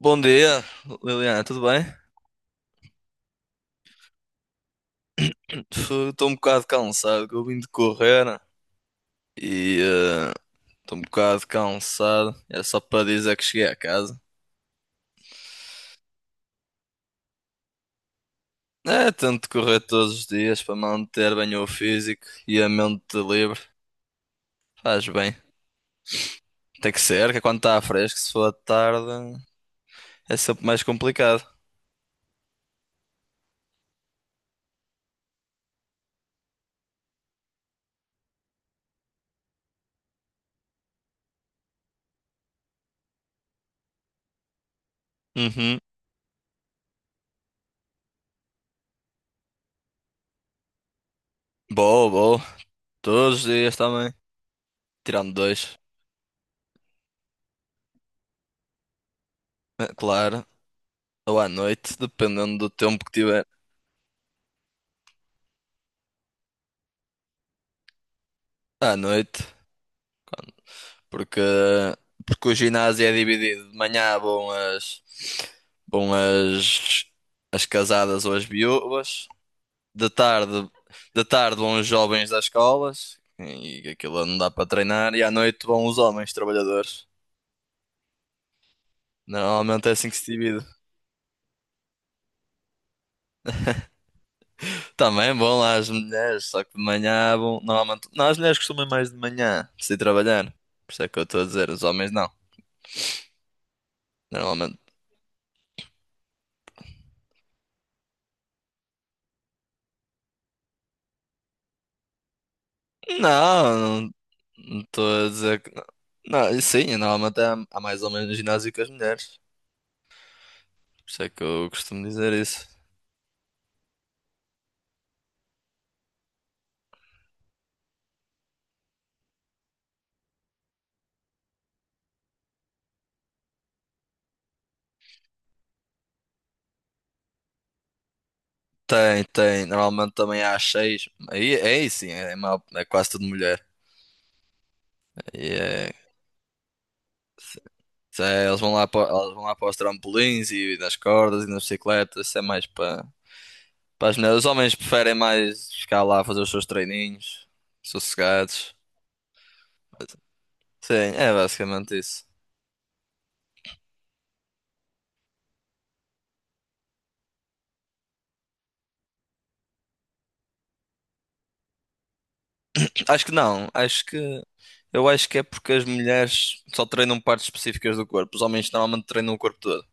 Bom dia, Liliana, tudo bem? Estou um bocado cansado, que eu vim de correr, né? E estou um bocado cansado. É só para dizer que cheguei a casa. É, tento correr todos os dias para manter bem o físico e a mente livre. Faz bem. Tem que ser, que é quando está fresco, se for à tarde, é sempre mais complicado. Uhum. Boa, boa. Todos os dias também. Tirando dois. É claro. Ou à noite, dependendo do tempo que tiver. À noite. Porque, porque o ginásio é dividido. De manhã vão as casadas ou as viúvas. De tarde, de tarde, vão os jovens das escolas. E aquilo não dá para treinar. E à noite vão os homens trabalhadores. Normalmente é assim que se divide. Também vão lá as mulheres, só que de manhã vão. Normalmente. Não, as mulheres costumam ir mais de manhã, se ir trabalhar. Por isso é que eu estou a dizer, os homens não. Normalmente. Não, não, não estou a dizer que não. Não, sim, normalmente há mais ou menos ginásio que as mulheres. Por isso é que eu costumo dizer isso. Tem, tem. Normalmente também há seis. Aí, sim, é quase tudo mulher. E é, eles vão lá para, elas vão lá para os trampolins e nas cordas e nas bicicletas. Isso é mais para as mulheres. Os homens preferem mais ficar lá a fazer os seus treininhos, sossegados. Sim, é basicamente isso. Acho que não, acho que eu acho que é porque as mulheres só treinam partes específicas do corpo, os homens normalmente treinam o corpo todo,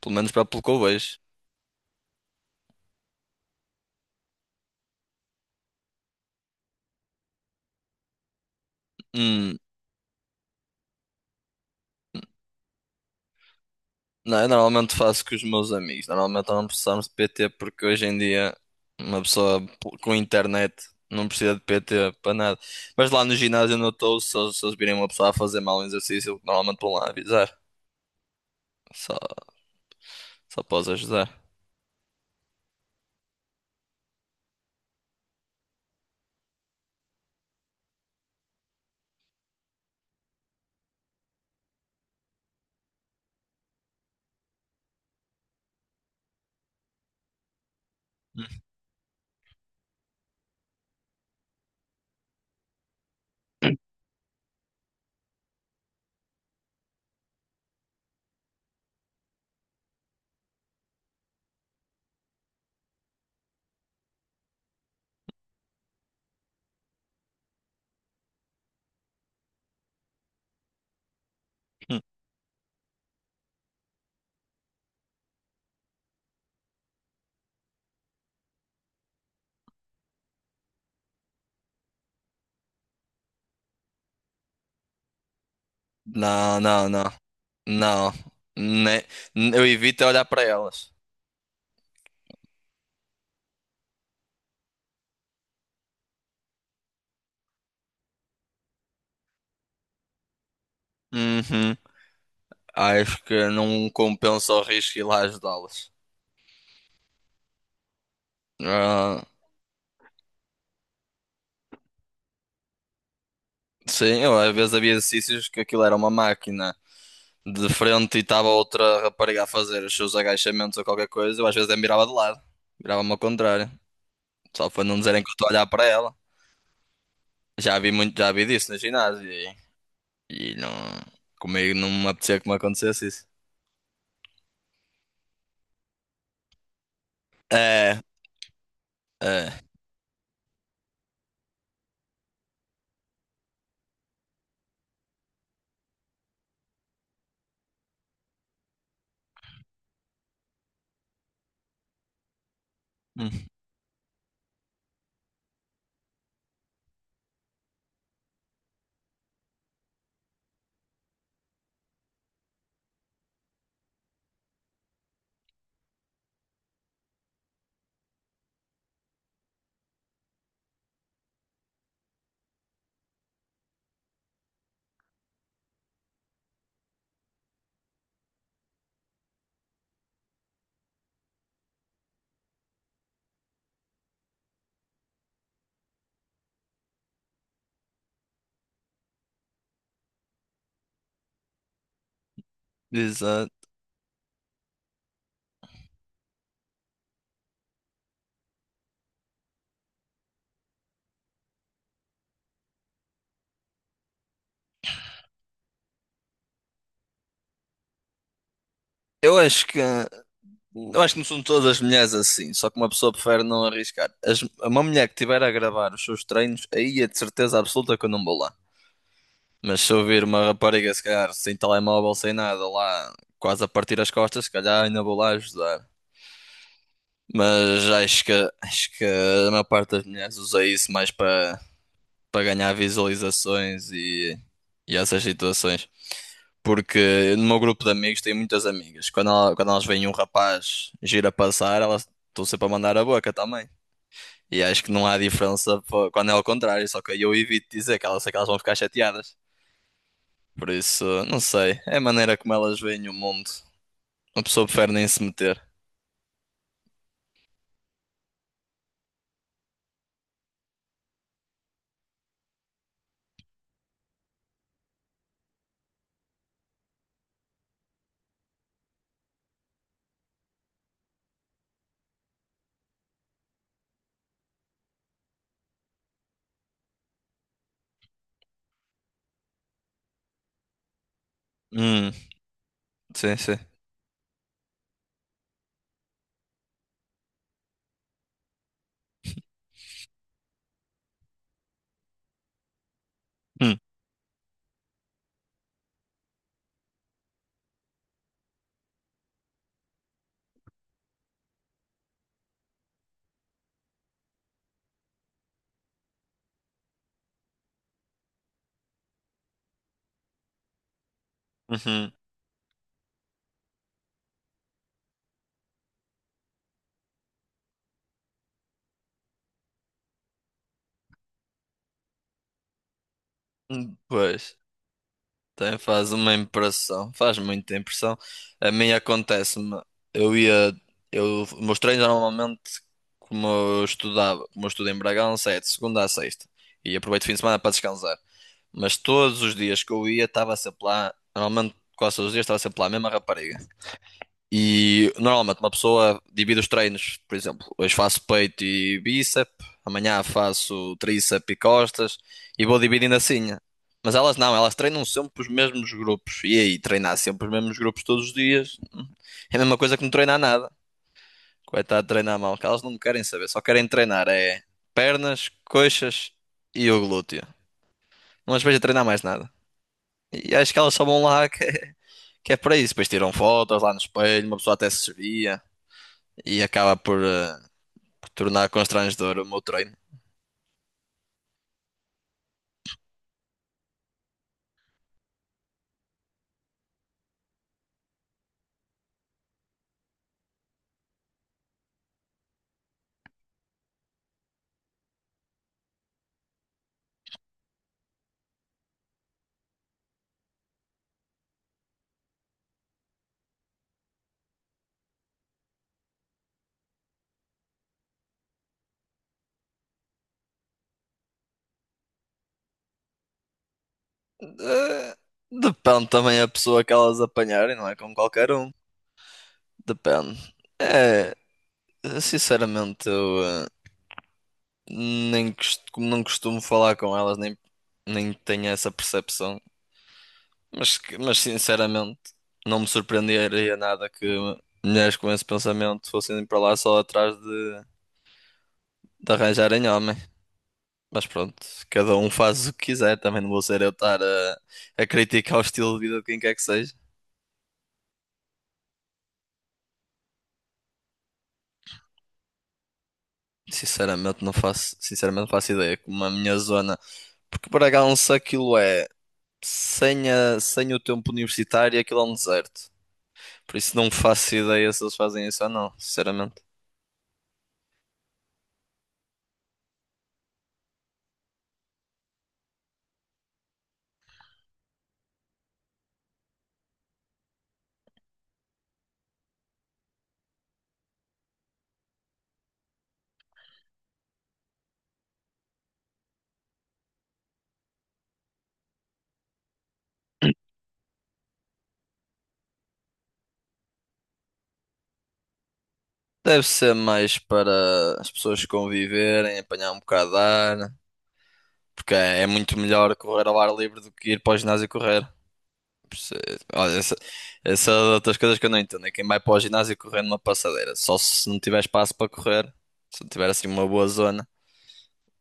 pelo menos para pelo que eu vejo. Hum, não, eu normalmente faço com os meus amigos, normalmente não precisamos de PT porque hoje em dia uma pessoa com internet não precisa de PT para nada. Mas lá no ginásio onde eu estou, se eles virem uma pessoa a fazer mal um exercício, eu normalmente vão lá avisar, só, só posso ajudar. Hum. Hum. Não, não, não, não, Ne- eu evito é olhar para elas. Uhum. Acho que não compensa o risco ir lá ajudá-los. Ah, sim, às vezes havia exercícios que aquilo era uma máquina de frente e estava outra rapariga a fazer os seus agachamentos ou qualquer coisa, eu às vezes me virava de lado, virava-me ao contrário, só para não dizerem que eu estou a olhar para ela. Já vi muito, já vi disso no ginásio e não, comigo não me apetecia que me acontecesse isso. É, é. Hum, exato. Eu acho que. Eu acho que não são todas as mulheres assim, só que uma pessoa prefere não arriscar. Uma mulher que estiver a gravar os seus treinos, aí é de certeza absoluta que eu não vou lá. Mas se eu vir uma rapariga, se calhar, sem telemóvel, sem nada, lá quase a partir as costas, se calhar ainda vou lá ajudar. Mas acho que a maior parte das mulheres usa isso mais para ganhar visualizações e essas situações. Porque no meu grupo de amigos tenho muitas amigas. Quando elas veem um rapaz gira passar, elas estão sempre a mandar a boca também. E acho que não há diferença quando é ao contrário, só que eu evito sei que elas vão ficar chateadas. Por isso, não sei. É a maneira como elas veem o mundo. Uma pessoa prefere nem se meter. Hum, sim, sim. Hum, uhum, pois. Tem, faz uma impressão, faz muita impressão. A mim acontece-me, eu ia, os meus treinos normalmente, como eu estudo em Bragança, é de segunda a sexta, e aproveito o fim de semana para descansar. Mas todos os dias que eu ia, estava sempre lá, normalmente quase todos os dias estava sempre lá, a mesma rapariga. E normalmente uma pessoa divide os treinos, por exemplo, hoje faço peito e bíceps, amanhã faço tríceps e costas e vou dividindo assim. Mas elas não, elas treinam sempre os mesmos grupos. E aí, treinar sempre os mesmos grupos todos os dias é a mesma coisa que não treinar nada. Coitado de treinar mal, que elas não querem saber, só querem treinar é pernas, coxas e o glúteo. Não as vejo a treinar mais nada. E acho que elas só vão lá que é para isso. Depois tiram fotos lá no espelho, uma pessoa até se servia. E acaba por tornar constrangedor o meu treino. Eh, depende também a pessoa que elas apanharem, não é com qualquer um. Depende. É, sinceramente, nem cost- como não costumo falar com elas, nem tenho essa percepção. Mas sinceramente, não me surpreenderia nada que mulheres com esse pensamento fossem para lá só atrás de arranjarem homem. Mas pronto, cada um faz o que quiser, também não vou ser eu estar a criticar o estilo de vida de quem quer que seja. Sinceramente não faço ideia como a minha zona, porque Bragança aquilo é sem o tempo universitário, aquilo é um deserto. Por isso não faço ideia se eles fazem isso ou não, sinceramente. Deve ser mais para as pessoas conviverem, apanhar um bocado de ar, porque é muito melhor correr ao ar livre do que ir para o ginásio correr. Perce- Olha, essa é outras coisas que eu não entendo. É quem vai para o ginásio correr numa passadeira. Só se não tiver espaço para correr. Se não tiver assim uma boa zona.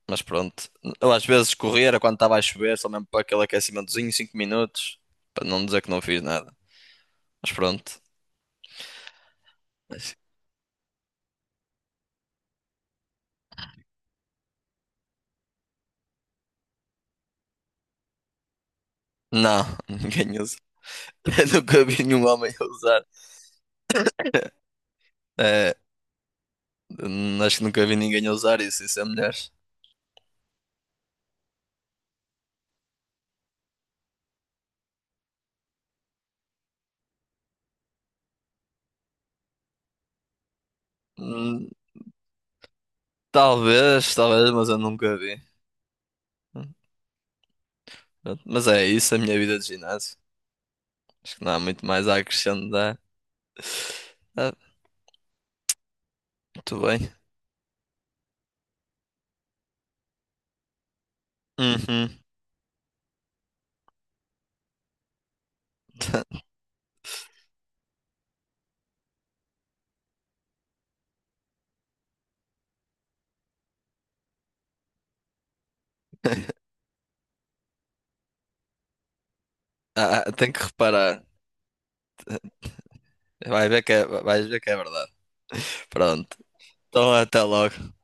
Mas pronto. Eu às vezes corria quando estava a chover, só mesmo para aquele aquecimentozinho, 5 minutos. Para não dizer que não fiz nada. Mas pronto. Mas- Não, ninguém usa. Nunca vi nenhum homem a usar. É, acho que nunca vi ninguém a usar isso. Isso é mulheres. Hum, Talvez, talvez, mas eu nunca vi. Hum, pronto. Mas é isso, a minha vida de ginásio. Acho que não há muito mais a acrescentar. Ah, muito bem. Uhum. Ah, ah, tenho que reparar. Vais ver que é verdade. Pronto. Então até logo.